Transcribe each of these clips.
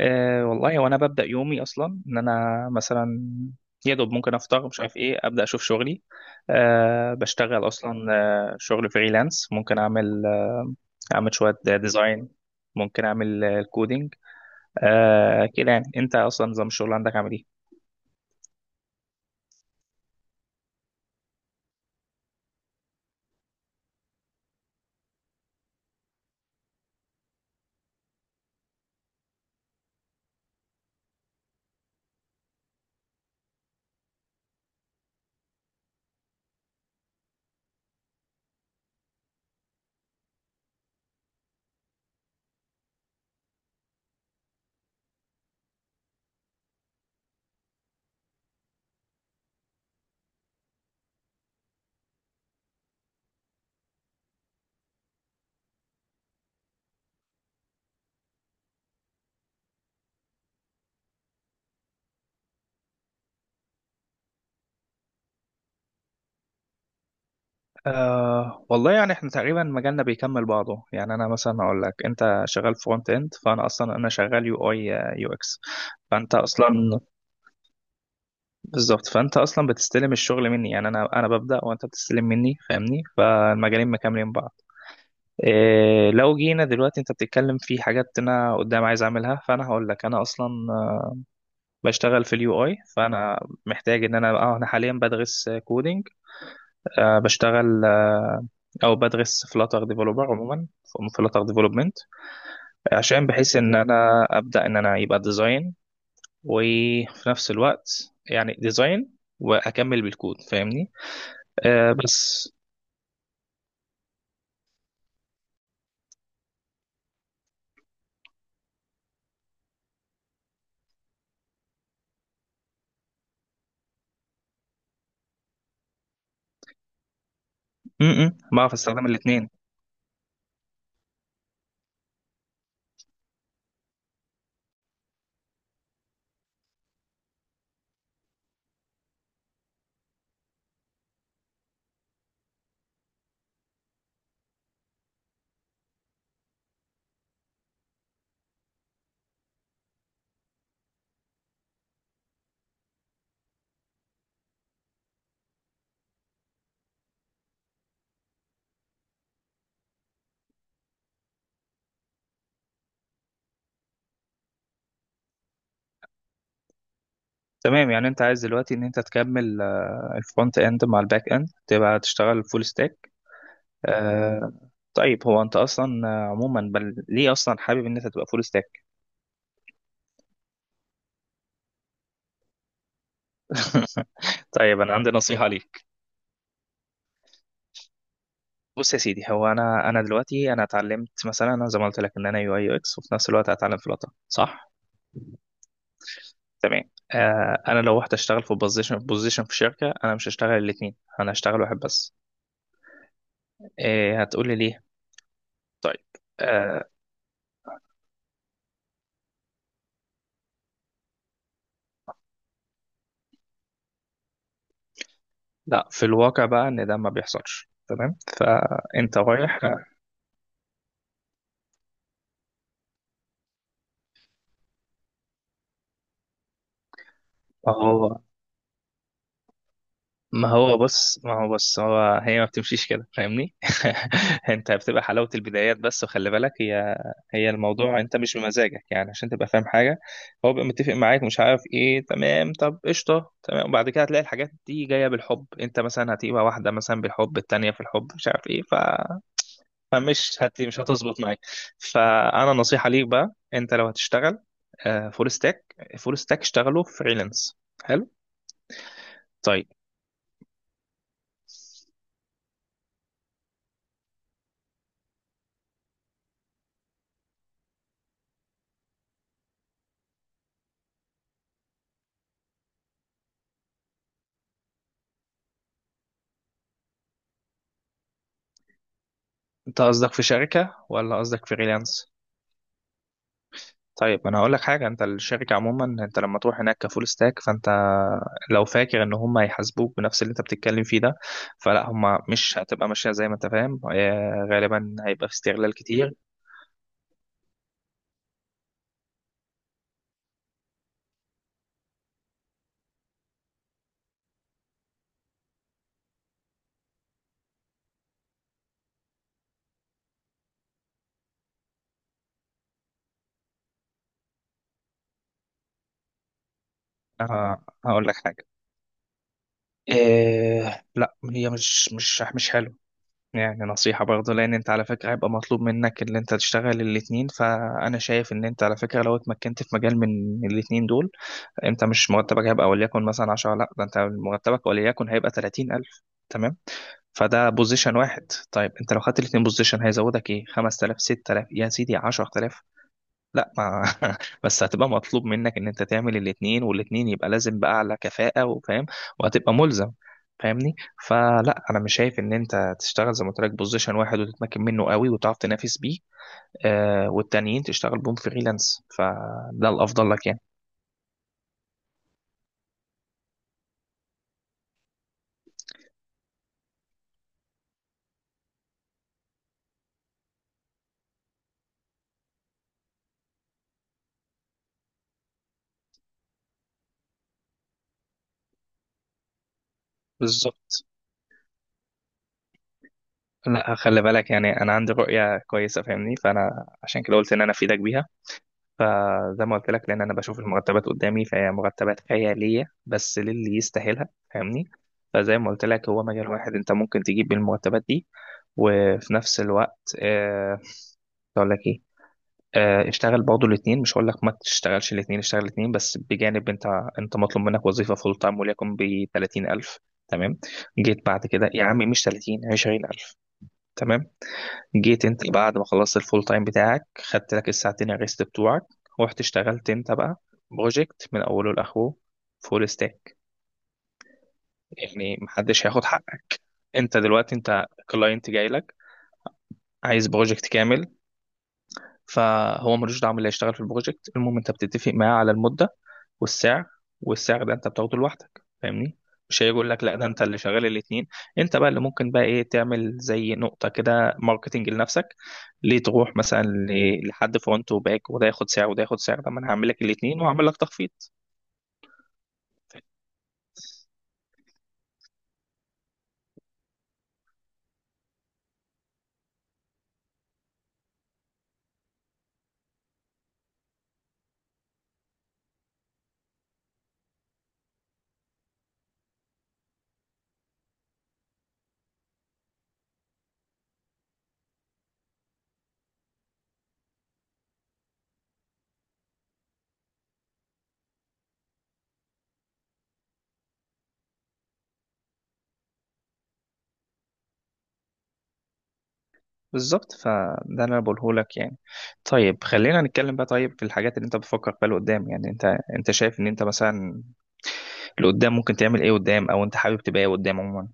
والله وانا ببدا يومي اصلا ان انا مثلا يا دوب ممكن افطر، مش عارف ايه، ابدا اشوف شغلي. بشتغل اصلا. شغل فريلانس، ممكن اعمل اعمل شويه ديزاين. ممكن اعمل الكودينج. كده، يعني انت اصلا نظام الشغل عندك عامل ايه؟ والله يعني احنا تقريبا مجالنا بيكمل بعضه، يعني انا مثلا اقول لك انت شغال فرونت اند، فانا اصلا انا شغال يو اي يو اكس. فانت اصلا بالظبط، فانت اصلا بتستلم الشغل مني، يعني انا ببدا وانت بتستلم مني، فاهمني؟ فالمجالين مكملين بعض. إيه، لو جينا دلوقتي، انت بتتكلم في حاجات انا قدام عايز اعملها، فانا هقول لك انا اصلا بشتغل في اليو اي، فانا محتاج ان انا حاليا بدرس كودينج. بشتغل، او بدرس فلاتر ديفلوبر عموما، فلاتر ديفلوبمنت. عشان بحيث ان انا ابدا ان انا يبقى ديزاين، وفي نفس الوقت يعني ديزاين، واكمل بالكود، فاهمني؟ آه، بس بعرف استخدم الاثنين. تمام، يعني انت عايز دلوقتي ان انت تكمل الفرونت اند مع الباك اند، تبقى تشتغل فول ستاك. آه طيب، هو انت اصلا عموما، بل ليه اصلا حابب ان انت تبقى فول ستاك؟ طيب، انا عندي نصيحه ليك. بص يا سيدي، هو انا دلوقتي، انا اتعلمت مثلا، انا زي ما قلت لك ان انا يو اي يو اكس، وفي نفس الوقت هتعلم فلاتر، صح؟ تمام. انا لو رحت اشتغل في بوزيشن في شركه، انا مش هشتغل الاثنين، انا هشتغل واحد بس. هتقول لي ليه. طيب. آه، لا في الواقع بقى ان ده ما بيحصلش، تمام، فانت رايح. ما هو ما هو بص، هو هي ما بتمشيش كده، فاهمني؟ انت بتبقى حلاوة البدايات بس، وخلي بالك، هي الموضوع انت مش بمزاجك، يعني عشان تبقى فاهم حاجة، هو بيبقى متفق معاك، مش عارف ايه، تمام. طب قشطة، تمام، وبعد كده هتلاقي الحاجات دي جاية بالحب، انت مثلا هتبقى واحدة مثلا بالحب، التانية في الحب، مش عارف ايه. فمش مش هتظبط معاك. فانا نصيحه ليك بقى، انت لو هتشتغل فول ستاك، اشتغلوا فريلانس. حلو. طيب، انت قصدك في شركه ولا قصدك فريلانس؟ طيب، ما انا هقول لك حاجه، انت الشركه عموما، انت لما تروح هناك كفول ستاك، فانت لو فاكر ان هم هيحاسبوك بنفس اللي انت بتتكلم فيه ده، فلا، هم مش هتبقى ماشيه زي ما انت فاهم. غالبا هيبقى في استغلال كتير. هقول لك حاجه، لا، هي مش حلو. يعني نصيحة برضه، لأن أنت على فكرة هيبقى مطلوب منك اللي أنت تشتغل الاتنين، فأنا شايف إن أنت على فكرة، لو اتمكنت في مجال من الاتنين دول، أنت مش مرتبك هيبقى وليكن مثلا 10، لأ، ده أنت مرتبك وليكن هيبقى 30,000، تمام. فده بوزيشن واحد. طيب أنت لو خدت الاتنين بوزيشن هيزودك إيه، 5,000، 6,000، يا سيدي 10,000. لا، ما... بس هتبقى مطلوب منك ان انت تعمل الاتنين، والاتنين يبقى لازم بأعلى كفاءة وفاهم، وهتبقى ملزم، فاهمني؟ فلا، انا مش شايف ان انت تشتغل زي ما قلت لك بوزيشن واحد وتتمكن منه قوي وتعرف تنافس بيه، والتانيين تشتغل بهم فريلانس، فده الافضل لك يعني. بالظبط. لا خلي بالك، يعني انا عندي رؤية كويسة، فاهمني؟ فانا عشان كده قلت ان انا افيدك بيها. فزي ما قلت لك، لان انا بشوف المرتبات قدامي، فهي مرتبات خياليه بس للي يستاهلها، فاهمني؟ فزي ما قلت لك، هو مجال واحد انت ممكن تجيب بالمرتبات دي، وفي نفس الوقت اقول لك ايه، اشتغل برضه الاثنين، مش هقول لك ما تشتغلش الاثنين، اشتغل الاثنين بس بجانب، انت مطلوب منك وظيفه فول تايم وليكن ب 30,000، تمام. جيت بعد كده يا عمي مش 30، 20,000، تمام. جيت انت بعد ما خلصت الفول تايم بتاعك، خدت لك الساعتين الريست بتوعك، ورحت اشتغلت انت بقى بروجكت من اوله لاخره، فول ستاك. يعني محدش هياخد حقك. انت دلوقتي، انت كلاينت جاي لك عايز بروجكت كامل، فهو ملوش دعوه باللي هيشتغل في البروجكت، المهم انت بتتفق معاه على المده والسعر، والسعر ده انت بتاخده لوحدك، فاهمني؟ مش هيجي يقول لك لا، ده انت اللي شغال الاثنين. انت بقى اللي ممكن بقى ايه، تعمل زي نقطه كده ماركتنج لنفسك. ليه تروح مثلا لحد فرونت وباك، وده ياخد سعر وده ياخد سعر، طب ما انا هعمل لك الاثنين وهعمل لك تخفيض. بالظبط، فده اللي انا بقوله لك يعني. طيب، خلينا نتكلم بقى. طيب، في الحاجات اللي انت بتفكر فيها لقدام، يعني انت شايف ان انت مثلا اللي قدام ممكن تعمل ايه قدام، او انت حابب تبقى ايه قدام عموما؟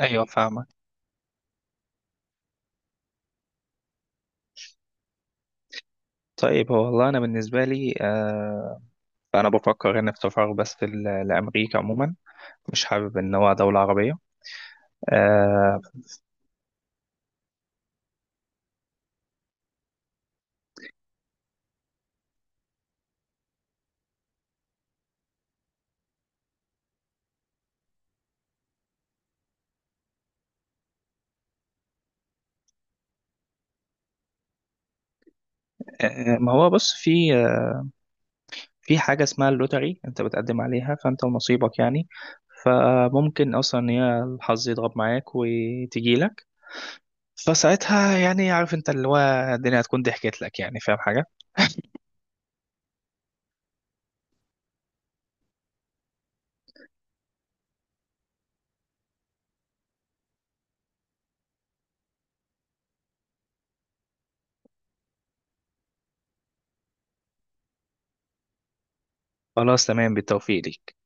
ايوه، فاهمك. طيب هو والله انا بالنسبه لي انا بفكر ان التفرغ بس لامريكا عموما، مش حابب ان هو دوله عربيه. آه آه، ما هو بص، في حاجه اسمها اللوتري، انت بتقدم عليها، فانت ونصيبك يعني. فممكن اصلا ان هي الحظ يضرب معاك وتجي لك، فساعتها يعني، عارف انت اللي هو، الدنيا هتكون ضحكت لك يعني، فاهم حاجه. خلاص، تمام، بالتوفيق ليك.